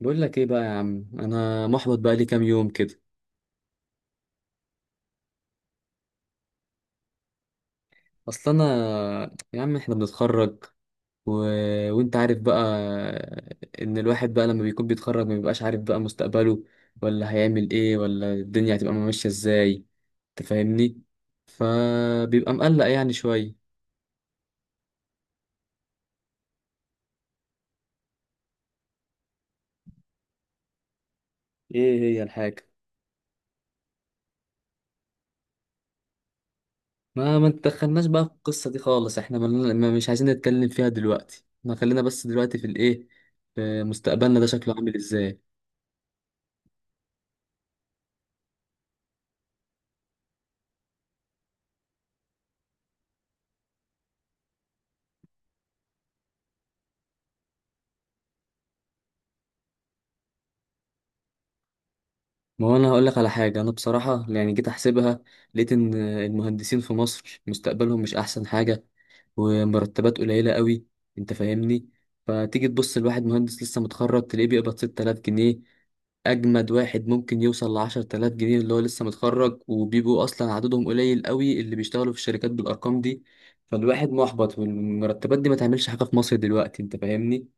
بقول لك ايه بقى يا عم؟ انا محبط بقى لي كام يوم كده. اصل انا يا عم، احنا بنتخرج و... وانت عارف بقى ان الواحد بقى لما بيكون بيتخرج ما بيبقاش عارف بقى مستقبله، ولا هيعمل ايه، ولا الدنيا هتبقى ماشية ازاي. تفهمني؟ فبيبقى مقلق يعني شوية. ايه هي الحاجة؟ ما تدخلناش بقى في القصة دي خالص، احنا ما مش عايزين نتكلم فيها دلوقتي، ما خلينا بس دلوقتي في الايه، في مستقبلنا ده شكله عامل ازاي. ما هو انا هقول لك على حاجه، انا بصراحه يعني جيت احسبها، لقيت ان المهندسين في مصر مستقبلهم مش احسن حاجه، ومرتبات قليله قوي، انت فاهمني؟ فتيجي تبص لواحد مهندس لسه متخرج تلاقيه بيقبض 6000 جنيه، اجمد واحد ممكن يوصل ل 10000 جنيه اللي هو لسه متخرج، وبيبقوا اصلا عددهم قليل قوي اللي بيشتغلوا في الشركات بالارقام دي. فالواحد محبط، والمرتبات دي ما تعملش حاجه في مصر دلوقتي، انت فاهمني؟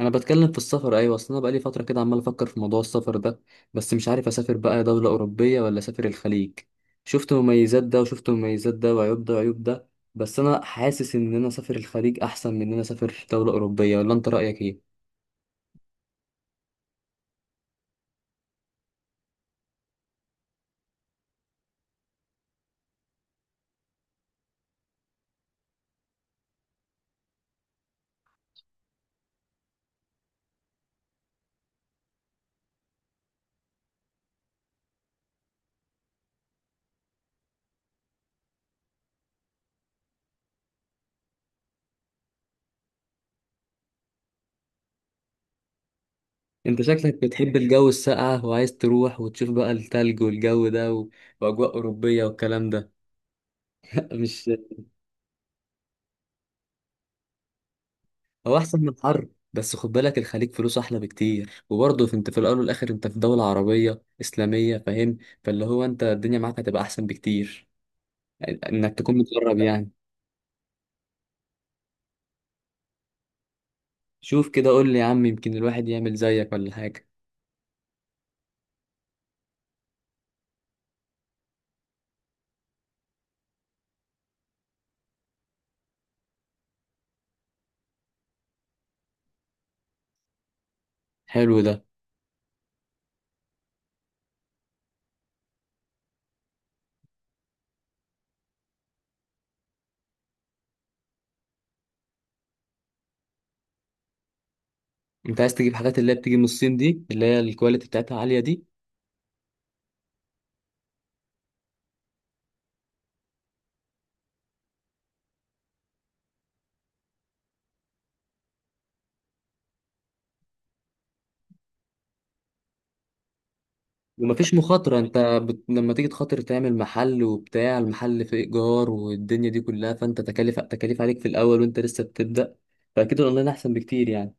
انا بتكلم في السفر، ايوه، اصل انا بقالي فتره كده عمال افكر في موضوع السفر ده. بس مش عارف اسافر بقى دوله اوروبيه ولا اسافر الخليج. شفت مميزات ده وشفت مميزات ده، وعيوب ده وعيوب ده. بس انا حاسس ان انا اسافر الخليج احسن من ان انا اسافر دوله اوروبيه، ولا انت رايك ايه؟ انت شكلك بتحب الجو الساقع، وعايز تروح وتشوف بقى التلج والجو ده واجواء اوروبيه والكلام ده. مش هو احسن من الحر، بس خد بالك الخليج فلوس احلى بكتير، وبرضه انت في الاول والاخر انت في دولة عربية اسلامية، فاهم؟ فاللي هو انت الدنيا معاك هتبقى احسن بكتير، انك تكون متغرب يعني. شوف كده قول لي يا عم، يمكن الواحد يعمل زيك ولا حاجة. حلو ده. انت عايز تجيب حاجات اللي هي بتيجي من الصين دي، اللي هي الكواليتي بتاعتها عالية دي. ومفيش مخاطرة، انت لما تيجي تخاطر تعمل محل، وبتاع المحل في ايجار والدنيا دي كلها، فانت تكاليف تكاليف عليك في الاول وانت لسه بتبدأ، فاكيد الاونلاين احسن بكتير يعني.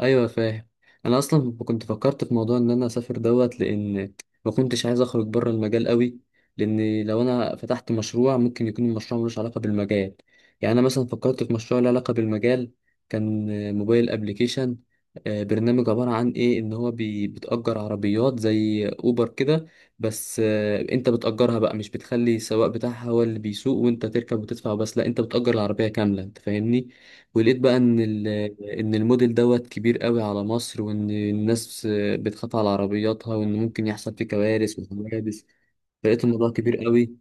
ايوه فاهم. انا اصلا كنت فكرت في موضوع ان انا اسافر دوت، لان ما كنتش عايز اخرج بره المجال قوي، لان لو انا فتحت مشروع ممكن يكون المشروع ملوش علاقه بالمجال. يعني انا مثلا فكرت في مشروع له علاقه بالمجال. كان موبايل ابليكيشن، برنامج عباره عن ايه، ان هو بتأجر عربيات زي اوبر كده. بس انت بتأجرها بقى، مش بتخلي السواق بتاعها هو اللي بيسوق وانت تركب وتدفع بس، لا انت بتأجر العربيه كامله، انت فاهمني؟ ولقيت بقى ان الموديل دوت كبير قوي على مصر، وان الناس بتخاف على عربياتها، وان ممكن يحصل فيه كوارث وحوادث. فلقيت الموضوع كبير قوي.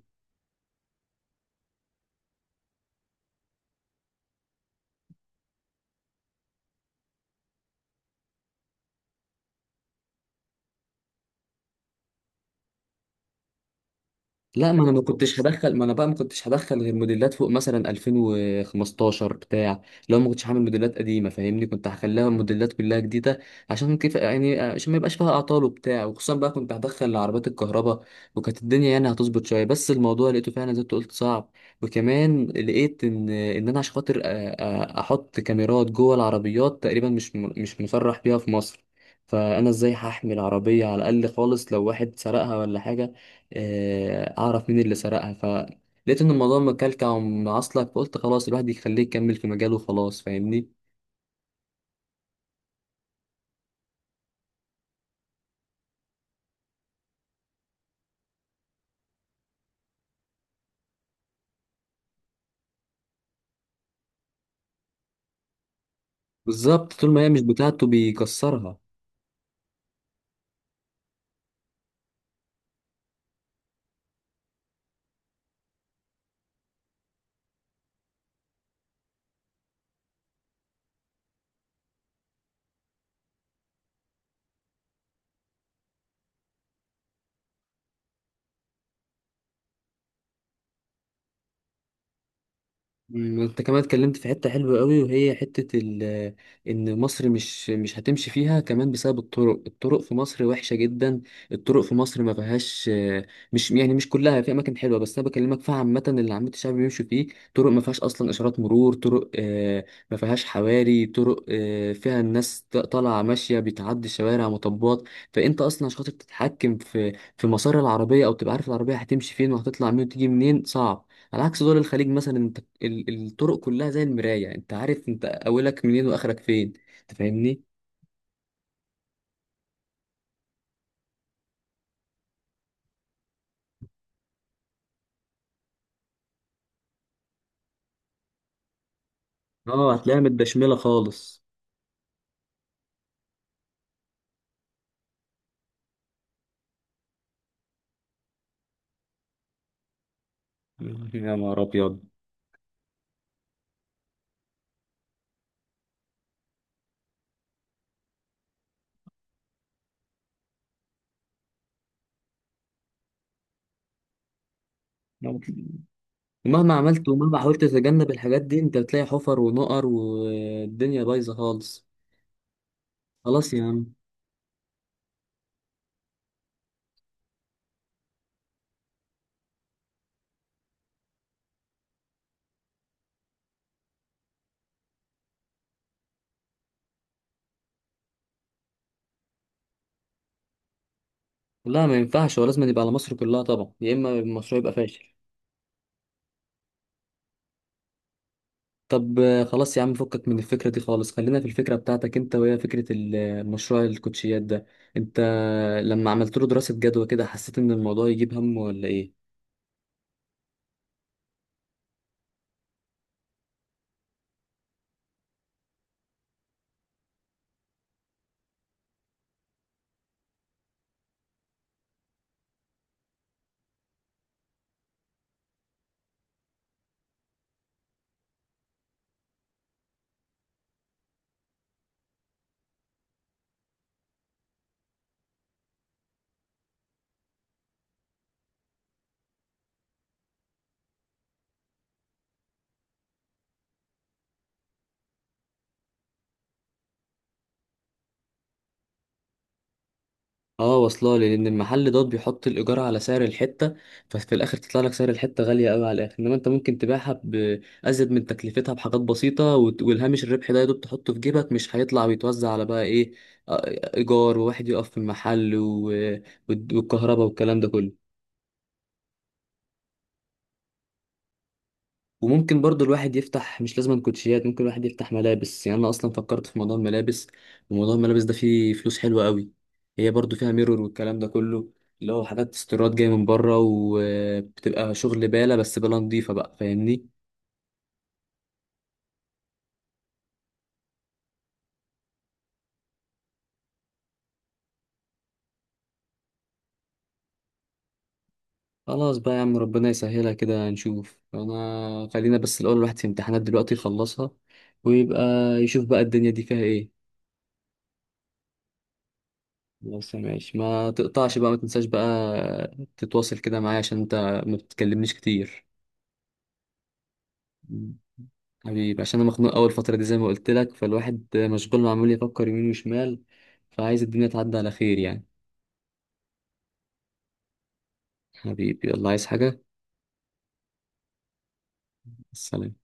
لا، ما انا بقى ما كنتش هدخل غير موديلات فوق مثلا 2015 بتاع. لو ما كنتش هعمل موديلات قديمه فاهمني، كنت هخليها موديلات كلها جديده، عشان كيف يعني، عشان ما يبقاش فيها اعطال وبتاع، وخصوصا بقى كنت هدخل عربيات الكهرباء. وكانت الدنيا يعني هتظبط شويه، بس الموضوع لقيته فعلا زي ما أنت قلت صعب. وكمان لقيت ان انا عشان خاطر احط كاميرات جوه العربيات تقريبا، مش مش مسرح بيها في مصر. فانا ازاي هحمل عربيه على الاقل خالص لو واحد سرقها ولا حاجه، اعرف مين اللي سرقها. فلقيت ان الموضوع مكلكع ومعصلك، فقلت خلاص الواحد يخليه يكمل في مجاله وخلاص، فاهمني؟ بالظبط، طول ما هي مش بتاعته بيكسرها. انت كمان اتكلمت في حتة حلوة قوي، وهي حتة ان مصر مش هتمشي فيها كمان بسبب الطرق. الطرق في مصر وحشة جدا. الطرق في مصر ما فيهاش مش يعني مش كلها في اماكن حلوة، بس انا بكلمك فيها عامة اللي عامة الشعب بيمشوا فيه. طرق ما فيهاش اصلا اشارات مرور، طرق ما فيهاش حواري، طرق فيها الناس طالعة ماشية بتعدي شوارع مطبات. فانت اصلا عشان خاطر تتحكم في مسار العربية او تبقى عارف العربية هتمشي فين وهتطلع منين وتيجي منين صعب. على عكس دول الخليج مثلا، انت الطرق كلها زي المراية، انت عارف انت اولك منين واخرك فين، انت فاهمني؟ اه هتلاقيها متدشملة خالص. يا نهار ابيض. مهما عملت ومهما حاولت تتجنب الحاجات دي انت بتلاقي حفر ونقر والدنيا بايظة خالص. خلاص يا عم. لا ما ينفعش، هو لازم يبقى على مصر كلها طبعا، يا اما المشروع يبقى فاشل. طب خلاص يا عم، فكك من الفكرة دي خالص، خلينا في الفكرة بتاعتك انت، وهي فكرة المشروع الكوتشيات ده. انت لما عملت له دراسة جدوى كده، حسيت ان الموضوع يجيب هم ولا ايه؟ اه واصله لي، لان المحل دوت بيحط الايجار على سعر الحتة، ففي الاخر تطلع لك سعر الحتة غالية قوي على الاخر. انما انت ممكن تبيعها بازيد من تكلفتها بحاجات بسيطة والهامش الربح ده يا دوب تحطه في جيبك، مش هيطلع ويتوزع على بقى ايه، ايجار وواحد يقف في المحل والكهرباء والكلام ده كله. وممكن برضو الواحد يفتح مش لازم كوتشيات، ممكن الواحد يفتح ملابس. يعني انا اصلا فكرت في موضوع الملابس، وموضوع الملابس ده فيه فلوس حلوة قوي. هي برضو فيها ميرور والكلام ده كله، اللي هو حاجات استيراد جاية من بره، وبتبقى شغل بالة، بس بالة نضيفة بقى، فاهمني؟ خلاص بقى يا عم، ربنا يسهلها كده نشوف. انا خلينا بس الاول الواحد في امتحانات دلوقتي يخلصها، ويبقى يشوف بقى الدنيا دي فيها ايه. بس ماشي، ما تقطعش بقى، ما تنساش بقى تتواصل كده معايا، عشان انت ما بتكلمنيش كتير. مم. حبيبي عشان انا مخنوق اول فتره دي زي ما قلت لك، فالواحد مشغول، ما عمال يفكر يمين وشمال، فعايز الدنيا تعدي على خير يعني. حبيبي، يلا عايز حاجه؟ سلام.